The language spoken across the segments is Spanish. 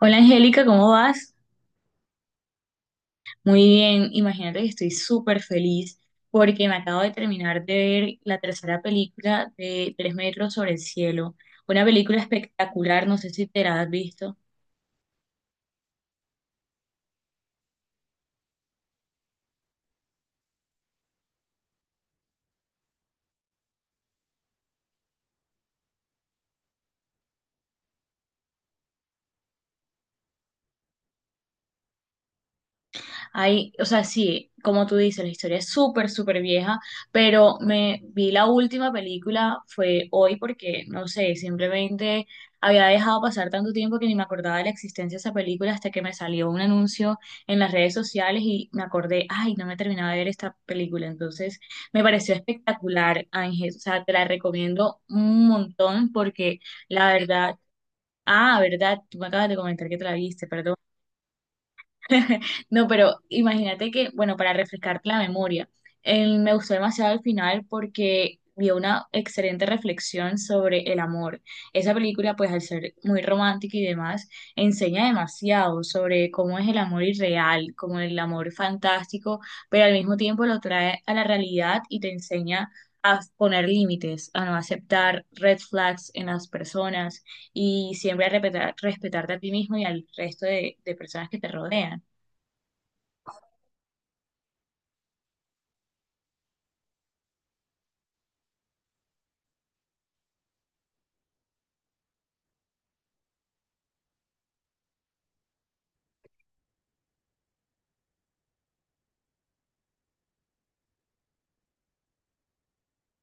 Hola Angélica, ¿cómo vas? Muy bien, imagínate que estoy súper feliz porque me acabo de terminar de ver la tercera película de Tres metros sobre el cielo. Una película espectacular, no sé si te la has visto. Hay, o sea, sí, como tú dices, la historia es súper vieja, pero me vi la última película fue hoy porque, no sé, simplemente había dejado pasar tanto tiempo que ni me acordaba de la existencia de esa película hasta que me salió un anuncio en las redes sociales y me acordé, ay, no me terminaba de ver esta película. Entonces, me pareció espectacular, Ángel. O sea, te la recomiendo un montón porque la verdad, ah, verdad, tú me acabas de comentar que te la viste, perdón. No, pero imagínate que, bueno, para refrescarte la memoria, me gustó demasiado el final porque dio una excelente reflexión sobre el amor. Esa película, pues al ser muy romántica y demás, enseña demasiado sobre cómo es el amor irreal, como el amor fantástico, pero al mismo tiempo lo trae a la realidad y te enseña a poner límites, a no aceptar red flags en las personas y siempre a respetar, respetarte a ti mismo y al resto de personas que te rodean.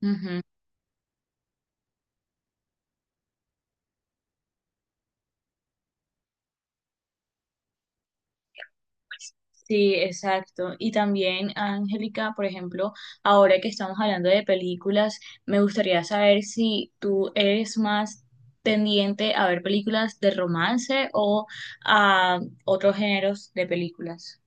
Ujú. Sí, exacto. Y también, Angélica, por ejemplo, ahora que estamos hablando de películas, me gustaría saber si tú eres más tendiente a ver películas de romance o a otros géneros de películas.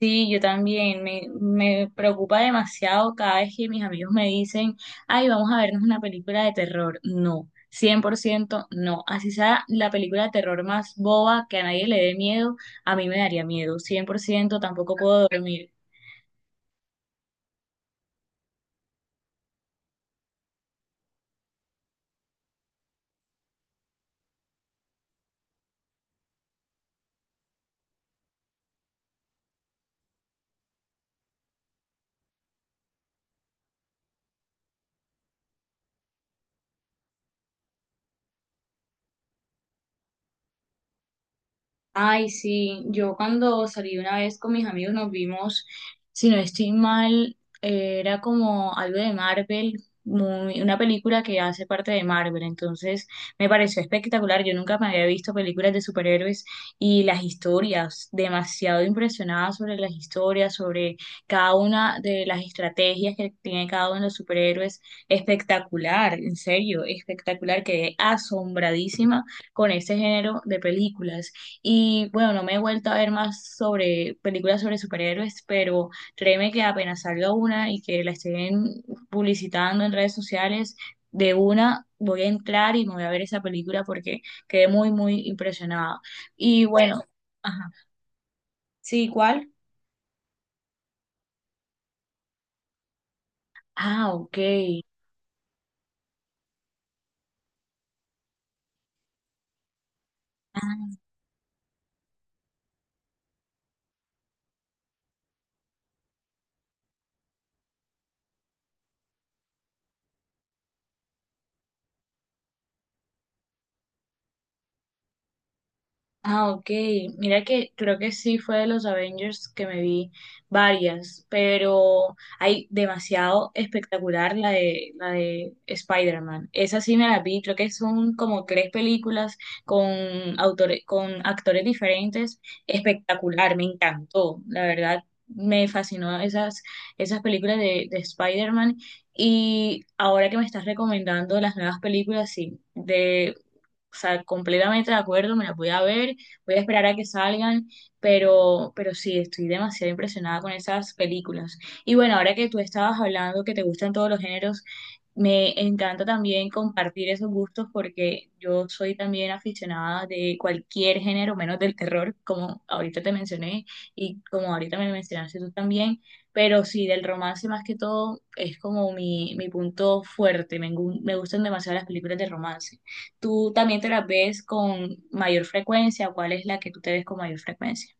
Sí, yo también. Me preocupa demasiado cada vez que mis amigos me dicen, ay, vamos a vernos una película de terror. No, 100%, no. Así sea la película de terror más boba que a nadie le dé miedo, a mí me daría miedo. Cien por ciento. Tampoco puedo dormir. Ay, sí, yo cuando salí una vez con mis amigos nos vimos, si no estoy mal, era como algo de Marvel, una película que hace parte de Marvel. Entonces me pareció espectacular, yo nunca me había visto películas de superhéroes y las historias, demasiado impresionada sobre las historias, sobre cada una de las estrategias que tiene cada uno de los superhéroes, espectacular, en serio, espectacular, quedé asombradísima con este género de películas. Y bueno, no me he vuelto a ver más sobre películas sobre superhéroes, pero créeme que apenas salga una y que la estén publicitando en redes sociales, de una voy a entrar y me voy a ver esa película porque quedé muy impresionada. Y bueno, ajá. Sí, ¿cuál? Ah, ok. Ah. Ah, ok. Mira que creo que sí fue de los Avengers que me vi varias, pero hay demasiado espectacular la de Spider-Man. Esa sí me la vi, creo que son como tres películas con autores, con actores diferentes. Espectacular, me encantó. La verdad, me fascinó esas películas de Spider-Man. Y ahora que me estás recomendando las nuevas películas, sí, de o sea, completamente de acuerdo, me las voy a ver, voy a esperar a que salgan, pero sí, estoy demasiado impresionada con esas películas. Y bueno, ahora que tú estabas hablando que te gustan todos los géneros, me encanta también compartir esos gustos porque yo soy también aficionada de cualquier género, menos del terror, como ahorita te mencioné y como ahorita me mencionaste tú también, pero sí, del romance más que todo es como mi punto fuerte, me gustan demasiado las películas de romance. Tú también te las ves con mayor frecuencia, ¿cuál es la que tú te ves con mayor frecuencia?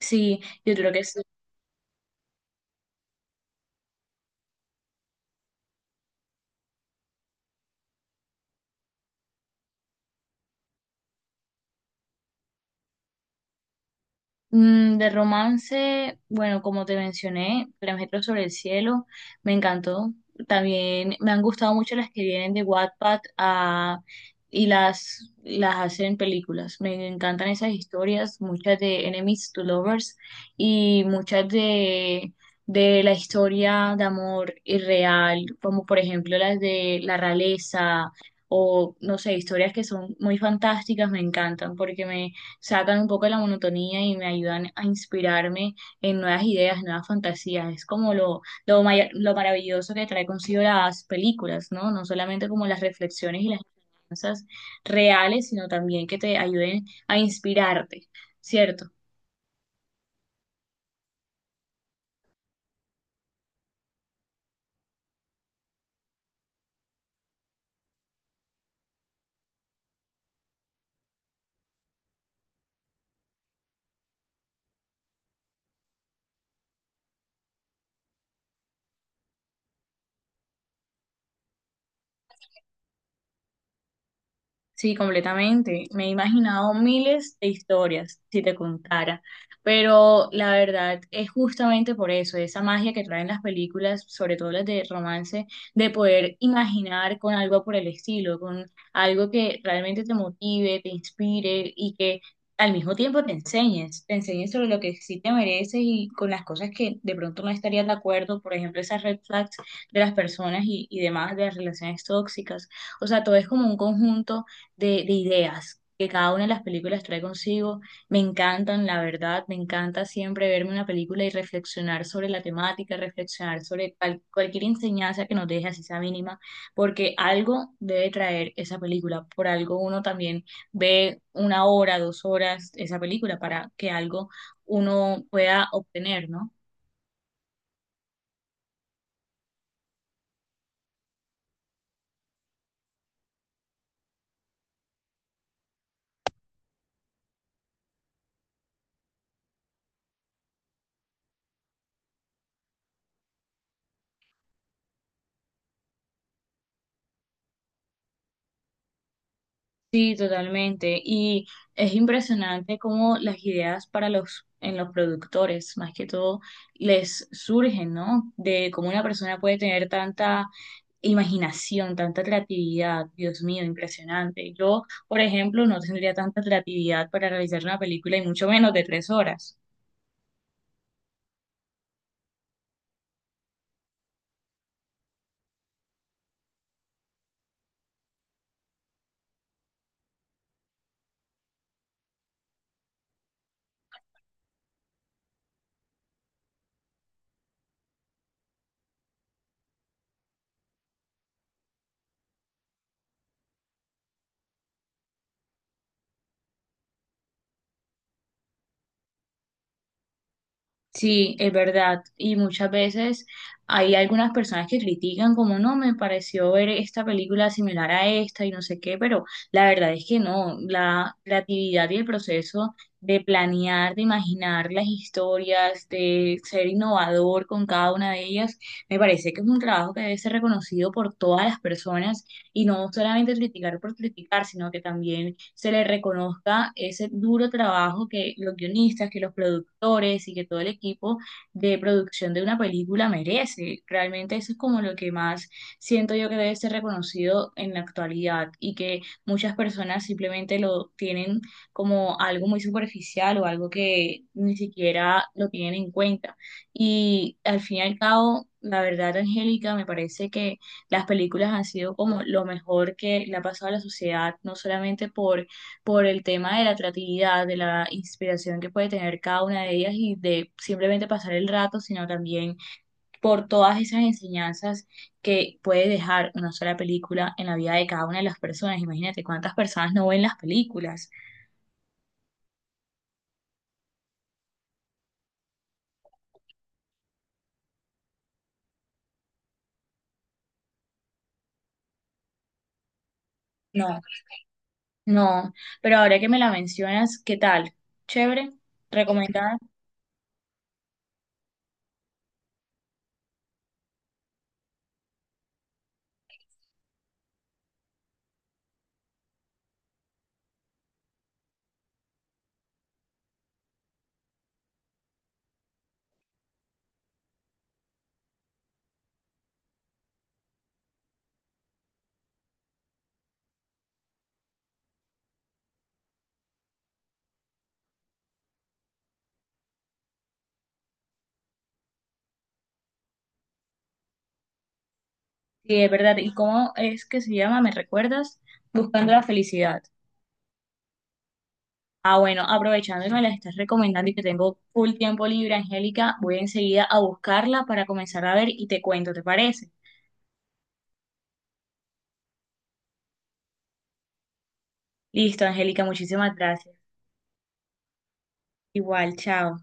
Sí, yo creo que es. Mm, de romance, bueno, como te mencioné, Tres metros sobre el cielo, me encantó. También me han gustado mucho las que vienen de Wattpad ah, y las hacen películas. Me encantan esas historias, muchas de Enemies to Lovers y muchas de la historia de amor irreal, como por ejemplo las de la realeza o, no sé, historias que son muy fantásticas, me encantan porque me sacan un poco de la monotonía y me ayudan a inspirarme en nuevas ideas, nuevas fantasías. Es como lo maravilloso que trae consigo las películas, ¿no? No solamente como las reflexiones y las enseñanzas reales, sino también que te ayuden a inspirarte, ¿cierto? Sí, completamente. Me he imaginado miles de historias, si te contara. Pero la verdad es justamente por eso, esa magia que traen las películas, sobre todo las de romance, de poder imaginar con algo por el estilo, con algo que realmente te motive, te inspire y que al mismo tiempo te enseñes sobre lo que sí te mereces y con las cosas que de pronto no estarías de acuerdo, por ejemplo, esas red flags de las personas y demás, de las relaciones tóxicas. O sea, todo es como un conjunto de ideas que cada una de las películas trae consigo. Me encantan, la verdad, me encanta siempre verme una película y reflexionar sobre la temática, reflexionar sobre cualquier enseñanza que nos deje, así sea mínima, porque algo debe traer esa película. Por algo uno también ve una hora, dos horas esa película para que algo uno pueda obtener, ¿no? Sí, totalmente. Y es impresionante cómo las ideas para los, en los productores, más que todo, les surgen, ¿no? De cómo una persona puede tener tanta imaginación, tanta creatividad. Dios mío, impresionante. Yo, por ejemplo, no tendría tanta creatividad para realizar una película y mucho menos de tres horas. Sí, es verdad. Y muchas veces hay algunas personas que critican como no, me pareció ver esta película similar a esta y no sé qué, pero la verdad es que no. La creatividad y el proceso de planear, de imaginar las historias, de ser innovador con cada una de ellas, me parece que es un trabajo que debe ser reconocido por todas las personas y no solamente criticar por criticar, sino que también se le reconozca ese duro trabajo que los guionistas, que los productores y que todo el equipo de producción de una película merece. Realmente eso es como lo que más siento yo que debe ser reconocido en la actualidad y que muchas personas simplemente lo tienen como algo muy superficial o algo que ni siquiera lo tienen en cuenta. Y al fin y al cabo, la verdad, Angélica, me parece que las películas han sido como lo mejor que le ha pasado a la sociedad, no solamente por el tema de la atractividad de la inspiración que puede tener cada una de ellas y de simplemente pasar el rato, sino también por todas esas enseñanzas que puede dejar una sola película en la vida de cada una de las personas. Imagínate cuántas personas no ven las películas. No, no, pero ahora que me la mencionas, ¿qué tal? Chévere, recomendada. Sí, es verdad. ¿Y cómo es que se llama? ¿Me recuerdas? Buscando la felicidad. Ah, bueno, aprovechando que me las estás recomendando y que tengo full tiempo libre, Angélica, voy enseguida a buscarla para comenzar a ver y te cuento, ¿te parece? Listo, Angélica, muchísimas gracias. Igual, chao.